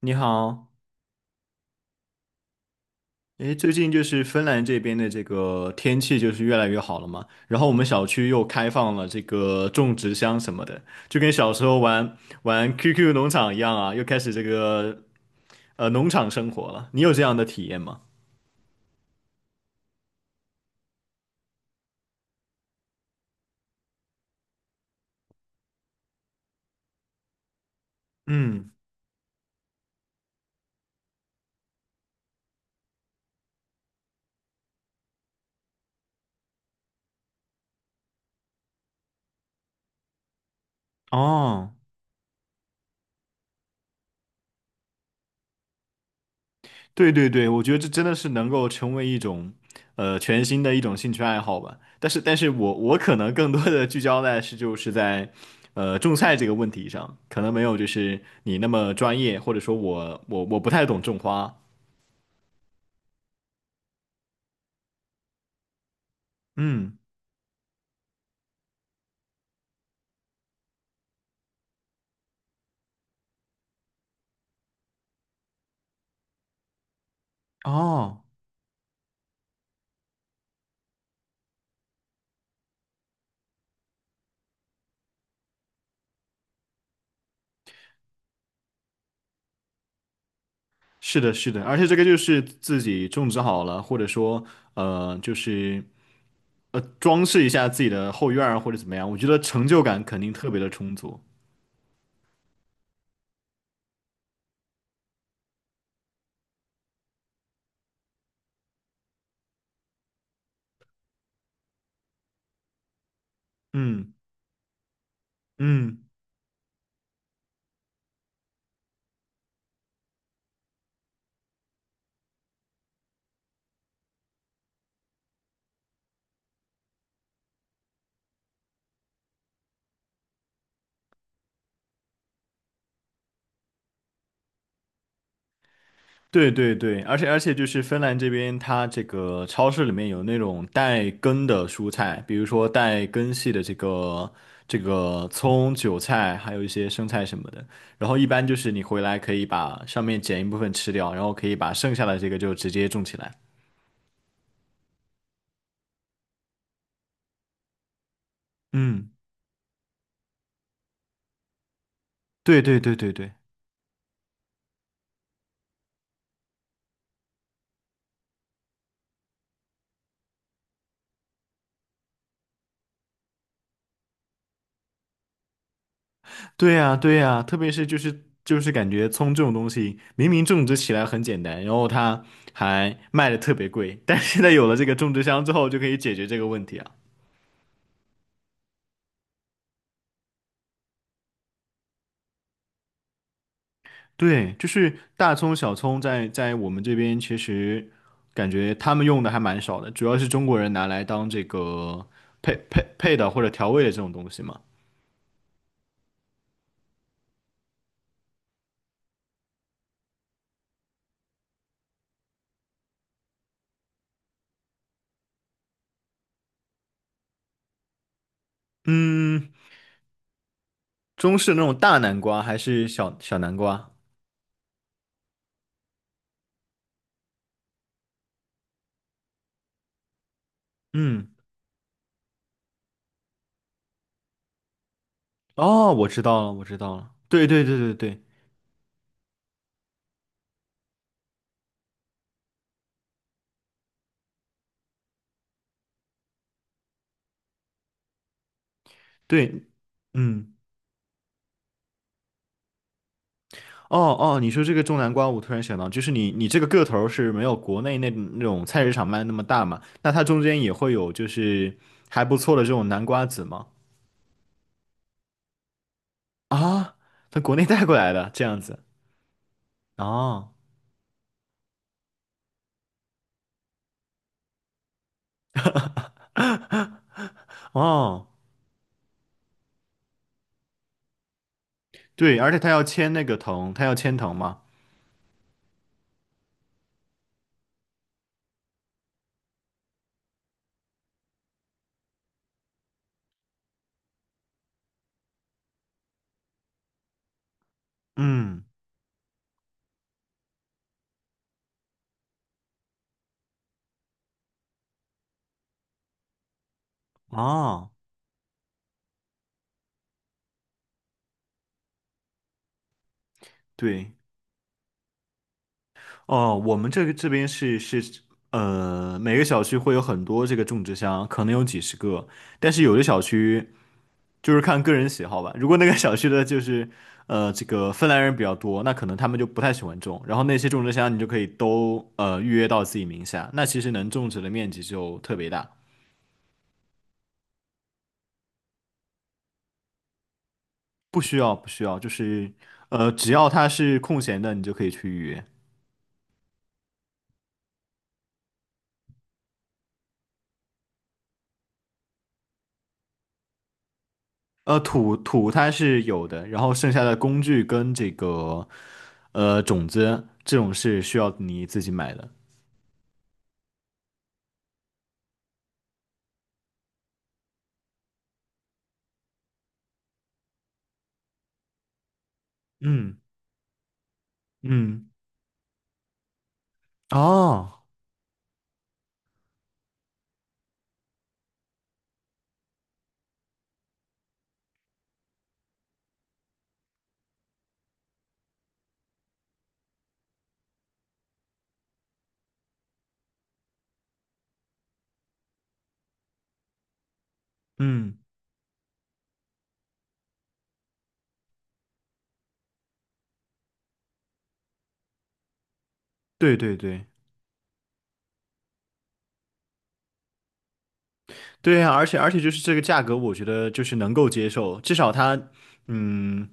你好。最近就是芬兰这边的这个天气就是越来越好了嘛，然后我们小区又开放了这个种植箱什么的，就跟小时候玩 QQ 农场一样啊，又开始这个农场生活了。你有这样的体验吗？嗯。哦，对对对，我觉得这真的是能够成为一种，呃，全新的一种兴趣爱好吧。但是我可能更多的聚焦在是就是在，呃，种菜这个问题上，可能没有就是你那么专业，或者说我不太懂种花。嗯。哦，是的，是的，而且这个就是自己种植好了，或者说呃，就是装饰一下自己的后院儿或者怎么样，我觉得成就感肯定特别的充足。嗯嗯。对对对，而且就是芬兰这边，它这个超市里面有那种带根的蔬菜，比如说带根系的这个葱、韭菜，还有一些生菜什么的。然后一般就是你回来可以把上面剪一部分吃掉，然后可以把剩下的这个就直接种起来。嗯，对对对对对。对呀对呀，特别是就是感觉葱这种东西，明明种植起来很简单，然后它还卖的特别贵，但是现在有了这个种植箱之后，就可以解决这个问题啊。对，就是大葱、小葱在我们这边，其实感觉他们用的还蛮少的，主要是中国人拿来当这个配的或者调味的这种东西嘛。嗯。中式那种大南瓜还是小小南瓜？嗯，哦，我知道了，我知道了。对对对对对对。嗯，哦哦，你说这个种南瓜，我突然想到，就是你这个个头儿是没有国内那种菜市场卖的那么大嘛？那它中间也会有就是还不错的这种南瓜籽吗？啊，从国内带过来的这样子。哦哦。对，而且他要签那个藤，他要签藤嘛。嗯，哦，对。哦，我们这个这边是呃，每个小区会有很多这个种植箱，可能有几十个，但是有的小区就是看个人喜好吧。如果那个小区的就是这个芬兰人比较多，那可能他们就不太喜欢种，然后那些种植箱你就可以都预约到自己名下，那其实能种植的面积就特别大。不需要，不需要，就是，只要它是空闲的，你就可以去预约。土它是有的，然后剩下的工具跟这个种子这种是需要你自己买的。嗯嗯，哦，嗯，对对对。对呀，而且就是这个价格，我觉得就是能够接受，至少它嗯，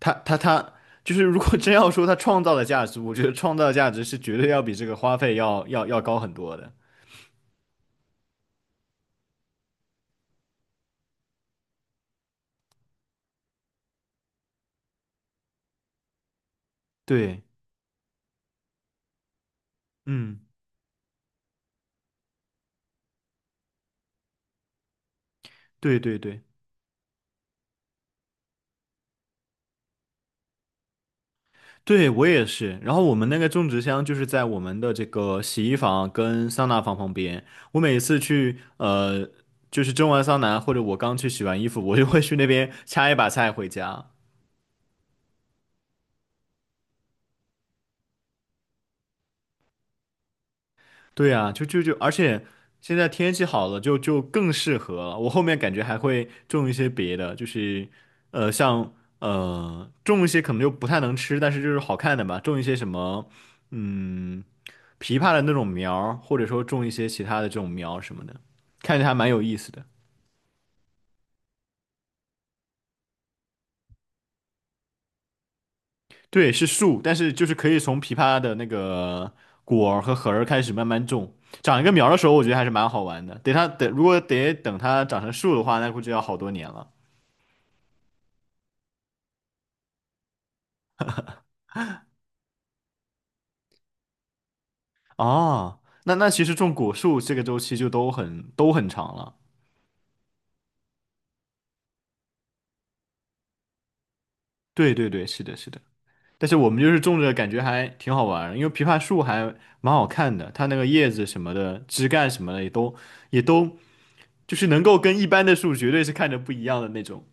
它就是如果 真要说它创造的价值，我觉得创造的价值是绝对要比这个花费要高很多的。对。嗯。对对对。对我也是。然后我们那个种植箱就是在我们的这个洗衣房跟桑拿房旁边。我每次去，就是蒸完桑拿或者我刚去洗完衣服，我就会去那边掐一把菜回家。对啊，就，而且现在天气好了就，就更适合了。我后面感觉还会种一些别的，就是像，种一些可能就不太能吃，但是就是好看的吧，种一些什么嗯，枇杷的那种苗儿或者说种一些其他的这种苗什么的，看着还蛮有意思的。对，是树，但是就是可以从枇杷的那个果儿和核儿开始慢慢种，长一个苗儿的时候，我觉得还是蛮好玩的。等它等，如果得等它长成树的话，那估计要好多年了。哦，那那其实种果树这个周期就都很长了。对对对，是的，是的。但是我们就是种着，感觉还挺好玩儿因为枇杷树还蛮好看的，它那个叶子什么的、枝干什么的也都就是能够跟一般的树绝对是看着不一样的那种。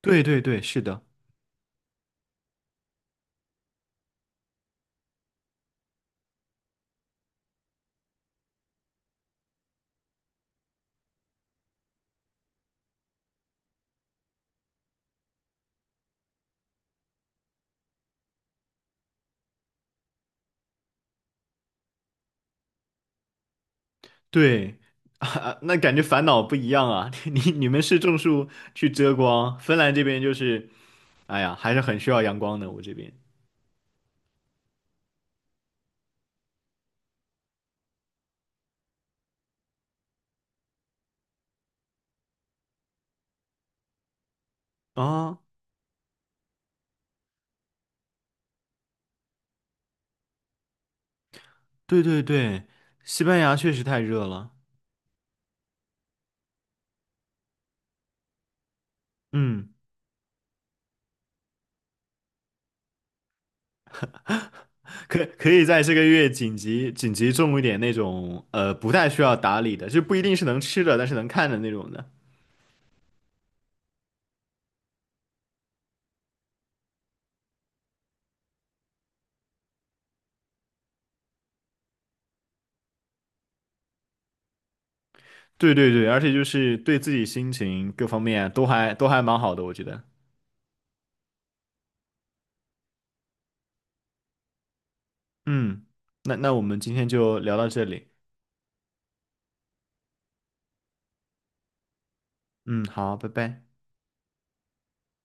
对对对，是的，对 啊，那感觉烦恼不一样啊。你们是种树去遮光，芬兰这边就是，哎呀，还是很需要阳光的。我这边啊。哦。对对对，西班牙确实太热了。嗯，可可以在这个月紧急种一点那种不太需要打理的，就不一定是能吃的，但是能看的那种的。对对对，而且就是对自己心情各方面都还蛮好的，我觉得。嗯，那我们今天就聊到这里。嗯，好，拜拜。